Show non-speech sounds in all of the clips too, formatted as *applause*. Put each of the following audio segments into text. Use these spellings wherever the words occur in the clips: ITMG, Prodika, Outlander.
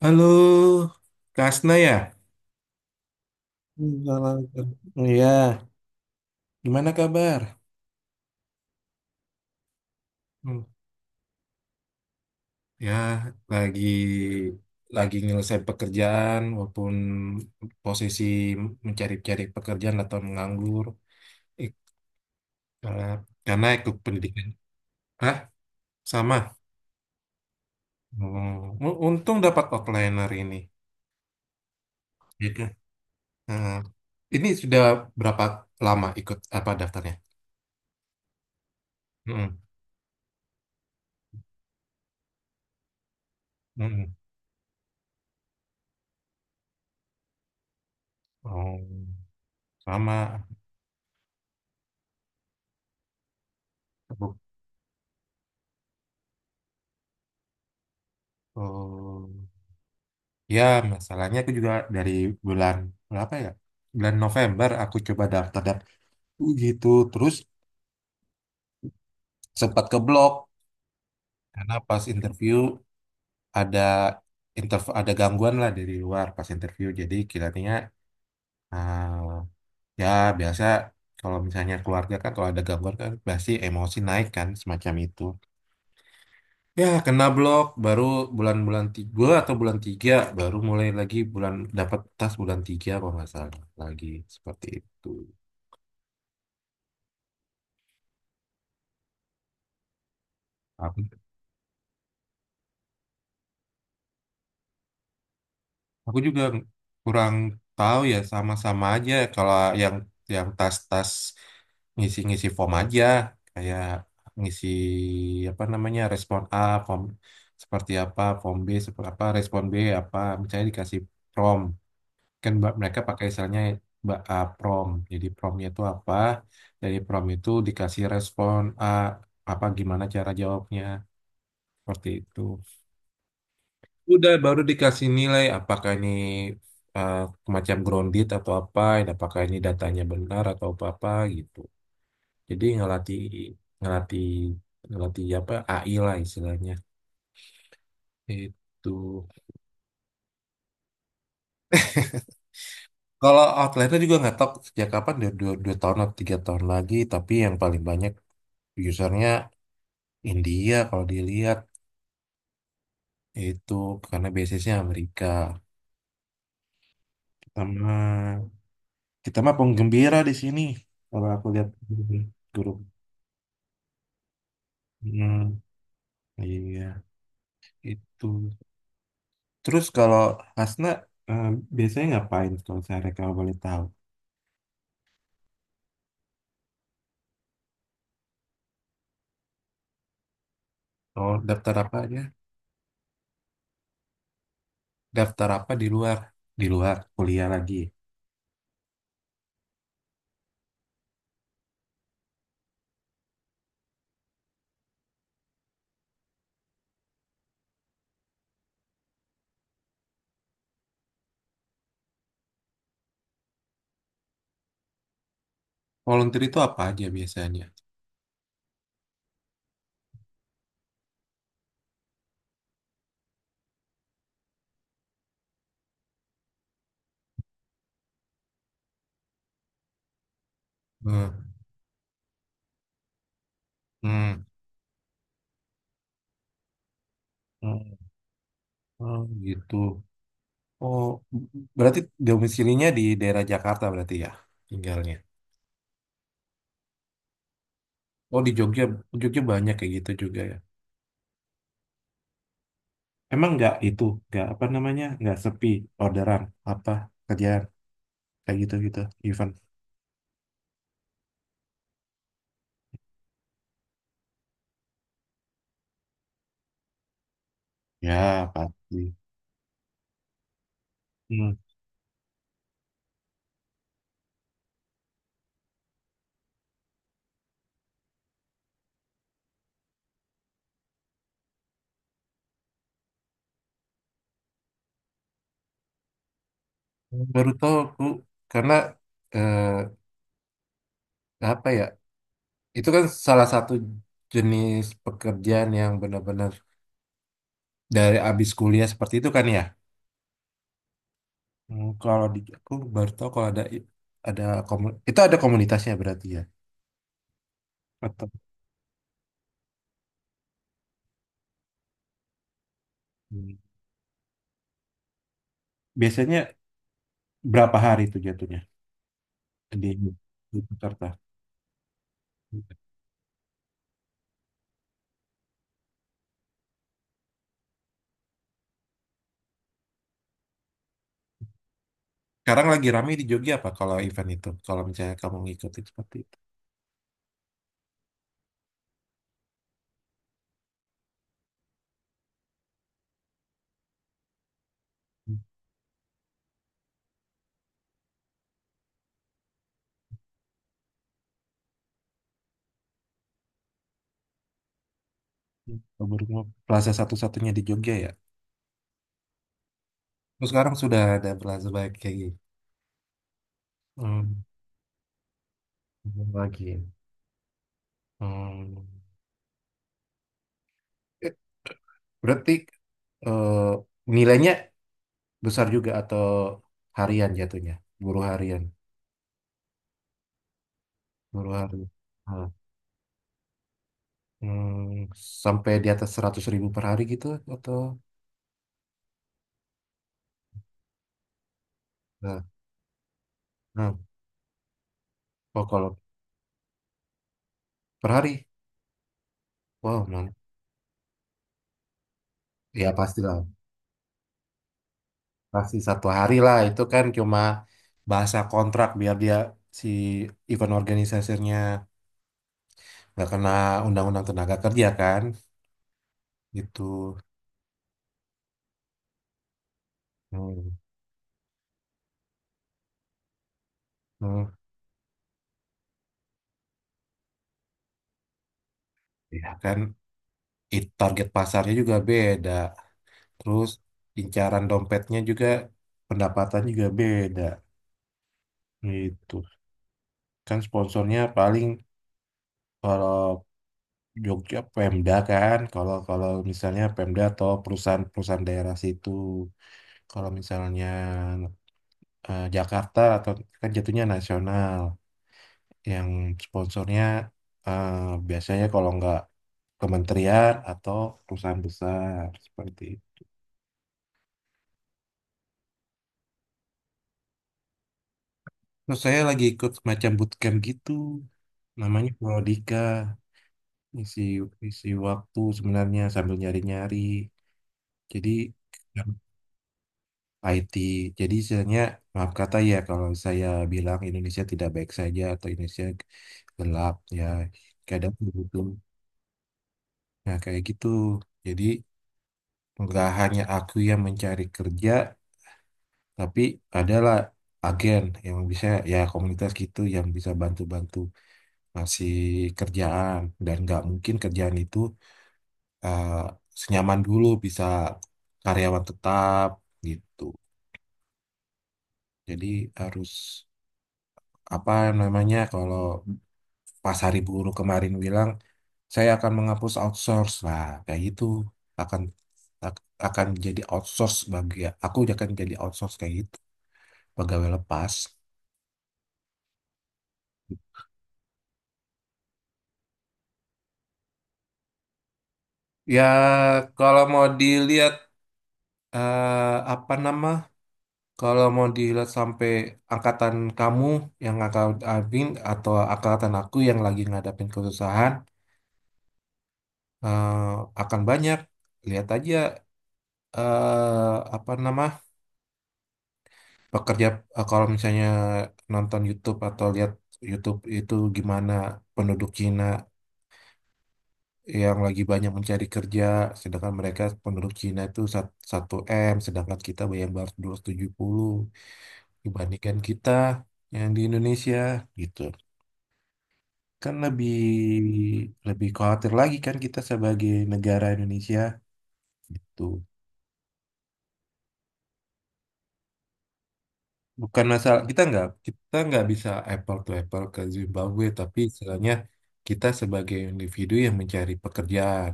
Halo, Kasna ya? Iya, gimana kabar? Hmm. Ya, lagi lagi nyelesain pekerjaan walaupun posisi mencari-cari pekerjaan atau menganggur. Ik- Karena karena ikut pendidikan. Hah? Sama. Hmm. Untung dapat outliner ini. Gitu. Hmm. Ini sudah berapa lama ikut apa daftarnya? Hmm. Hmm. Oh, sama. Bu- Oh. Ya, masalahnya aku juga dari bulan berapa ya? Bulan November aku coba daftar daftar gitu, terus sempat keblok karena pas ada interview ada gangguan lah dari luar pas interview. Jadi kiranya eh, ya biasa kalau misalnya keluarga kan kalau ada gangguan kan pasti emosi naik kan semacam itu. Ya kena blok baru bulan-bulan tiga atau bulan tiga baru mulai lagi bulan dapat tas bulan tiga kalau nggak salah lagi seperti itu. Aku juga kurang tahu ya sama-sama aja kalau yang yang tas-tas ngisi-ngisi form aja kayak ngisi apa namanya respon A form seperti apa form B seperti apa respon B apa misalnya dikasih prompt kan mereka pakai istilahnya A prom jadi promnya itu apa dari prom itu dikasih respon A apa gimana cara jawabnya seperti itu. Udah baru dikasih nilai apakah ini eh, macam grounded atau apa, dan apakah ini datanya benar atau apa-apa gitu. Jadi ngelatih ngelatih ngelatih apa AI lah istilahnya. Itu. *laughs* Kalau Outlander juga nggak tahu sejak kapan dua, dua, dua tahun atau tiga tahun lagi, tapi yang paling banyak usernya India kalau dilihat itu karena basisnya Amerika. Kita mah kita mah penggembira di sini. Kalau aku lihat grup. Hmm, iya itu. Terus kalau Hasna eh, biasanya ngapain kalau saya kalau boleh tahu? Oh, daftar apa aja? Daftar apa di luar? Di luar kuliah lagi. Volunteer itu apa aja biasanya? Hmm, hmm, hmm, oh, gitu. Oh, berarti domisilinya di daerah Jakarta berarti ya tinggalnya. Oh, di Jogja, Jogja banyak kayak gitu juga ya. Emang nggak itu, nggak apa namanya, nggak sepi orderan apa kerjaan kayak gitu gitu, event. Ya, pasti. Hmm. Baru tahu aku karena eh, apa ya? Itu kan salah satu jenis pekerjaan yang benar-benar dari abis kuliah seperti itu kan ya. Hmm, kalau di aku baru tahu kalau ada itu ada komunitasnya berarti ya. Atau hmm, biasanya berapa hari itu jatuhnya di di Jakarta? Sekarang lagi ramai di Jogja apa kalau event itu? Kalau misalnya kamu ngikutin seperti itu. Hmm. Baru Plaza satu-satunya di Jogja ya? Terus sekarang sudah ada Plaza Bank kayak gini. Hmm, belum lagi. Hmm. Eh, Berarti eh, nilainya besar juga atau harian jatuhnya? Buruh harian. Buruh harian. Ah, hmm, sampai di atas 100.000 per hari gitu atau? Nah, nah. Oh, kalau per hari? Wow, man. Ya pastilah. Pasti satu hari lah. Itu kan cuma bahasa kontrak biar dia si event organisasinya nggak kena undang-undang tenaga kerja kan. Gitu. Hmm. Hmm. Ya kan it, target pasarnya juga beda. Terus incaran dompetnya juga pendapatan juga beda gitu. Kan sponsornya paling kalau Jogja Pemda kan kalau kalau misalnya Pemda atau perusahaan-perusahaan daerah situ. Kalau misalnya Jakarta atau kan jatuhnya nasional. Yang sponsornya eh, biasanya kalau nggak kementerian atau perusahaan besar seperti itu. Terus saya lagi ikut semacam bootcamp gitu, namanya Prodika, isi isi waktu sebenarnya sambil nyari-nyari. Jadi em, IT, jadi istilahnya maaf kata ya kalau saya bilang Indonesia tidak baik saja atau Indonesia gelap ya kadang begitu. Nah kayak gitu. Jadi nggak hanya aku yang mencari kerja, tapi adalah agen yang bisa ya komunitas gitu yang bisa bantu-bantu ngasih kerjaan dan nggak mungkin kerjaan itu eh, senyaman dulu bisa karyawan tetap gitu jadi harus apa namanya kalau pas hari buruh kemarin bilang saya akan menghapus outsource lah kayak gitu akan akan jadi outsource bagi aku akan jadi outsource kayak gitu pegawai lepas. Ya, kalau mau dilihat eh apa nama kalau mau dilihat sampai angkatan kamu yang angkatan Abin atau angkatan aku yang lagi ngadapin kesusahan eh, akan banyak lihat aja eh apa nama pekerja kalau misalnya nonton YouTube atau lihat YouTube itu gimana penduduk Cina yang lagi banyak mencari kerja sedangkan mereka penduduk Cina itu 1M sedangkan kita yang baru 270 dibandingkan kita yang di Indonesia gitu. Kan lebih lebih khawatir lagi kan kita sebagai negara Indonesia gitu. Bukan masalah kita nggak bisa apple to apple ke Zimbabwe, tapi istilahnya kita sebagai individu yang mencari pekerjaan.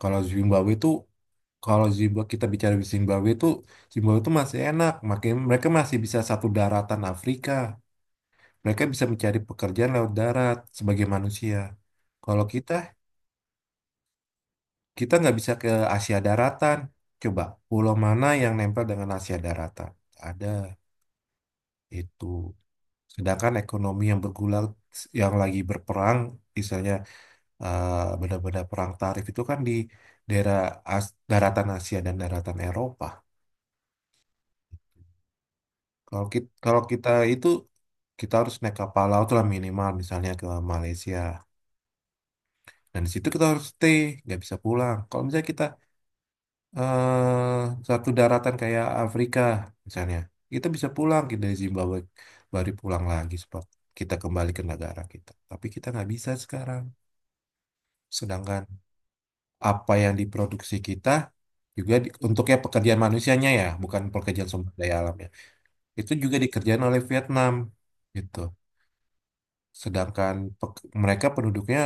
Kalau Zimbabwe itu kalau Zimbabwe kita bicara di Zimbabwe itu masih enak, makanya mereka masih bisa satu daratan Afrika. Mereka bisa mencari pekerjaan lewat darat sebagai manusia. Kalau kita. Kita nggak bisa ke Asia daratan. Coba, pulau mana yang nempel dengan Asia daratan? Nggak ada itu. Sedangkan ekonomi yang bergulat, yang lagi berperang, misalnya benda-benda perang tarif itu kan di daerah daratan Asia dan daratan Eropa. Kalau kita itu, kita harus naik kapal laut lah minimal, misalnya ke Malaysia. Dan di situ kita harus stay, nggak bisa pulang. Kalau misalnya kita eh satu daratan kayak Afrika misalnya kita bisa pulang kita dari Zimbabwe baru pulang lagi sebab kita kembali ke negara kita tapi kita nggak bisa sekarang sedangkan apa yang diproduksi kita juga untuknya pekerjaan manusianya ya bukan pekerjaan sumber daya alamnya itu juga dikerjain oleh Vietnam gitu sedangkan mereka penduduknya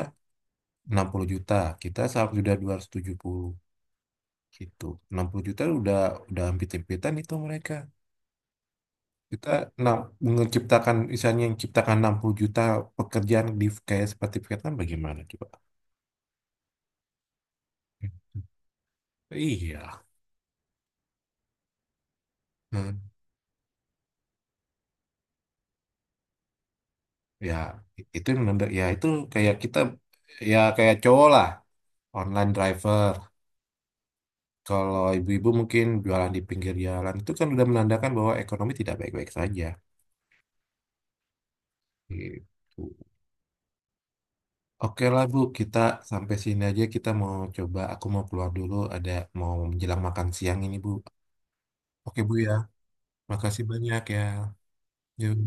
60 juta kita sudah 270 gitu 60 juta udah ampit-ampitan itu mereka. Kita nah, menciptakan, misalnya yang ciptakan 60 juta pekerjaan di kayak seperti Vietnam bagaimana coba? Iya. Hmm. Ya, itu yang menanda, ya itu kayak kita, ya kayak cowok lah, online driver. Kalau ibu-ibu mungkin jualan di pinggir jalan, itu kan udah menandakan bahwa ekonomi tidak baik-baik saja. Gitu. Oke lah Bu, kita sampai sini aja, kita mau coba, aku mau keluar dulu, ada mau menjelang makan siang ini Bu. Oke Bu ya, makasih banyak ya. Yuk.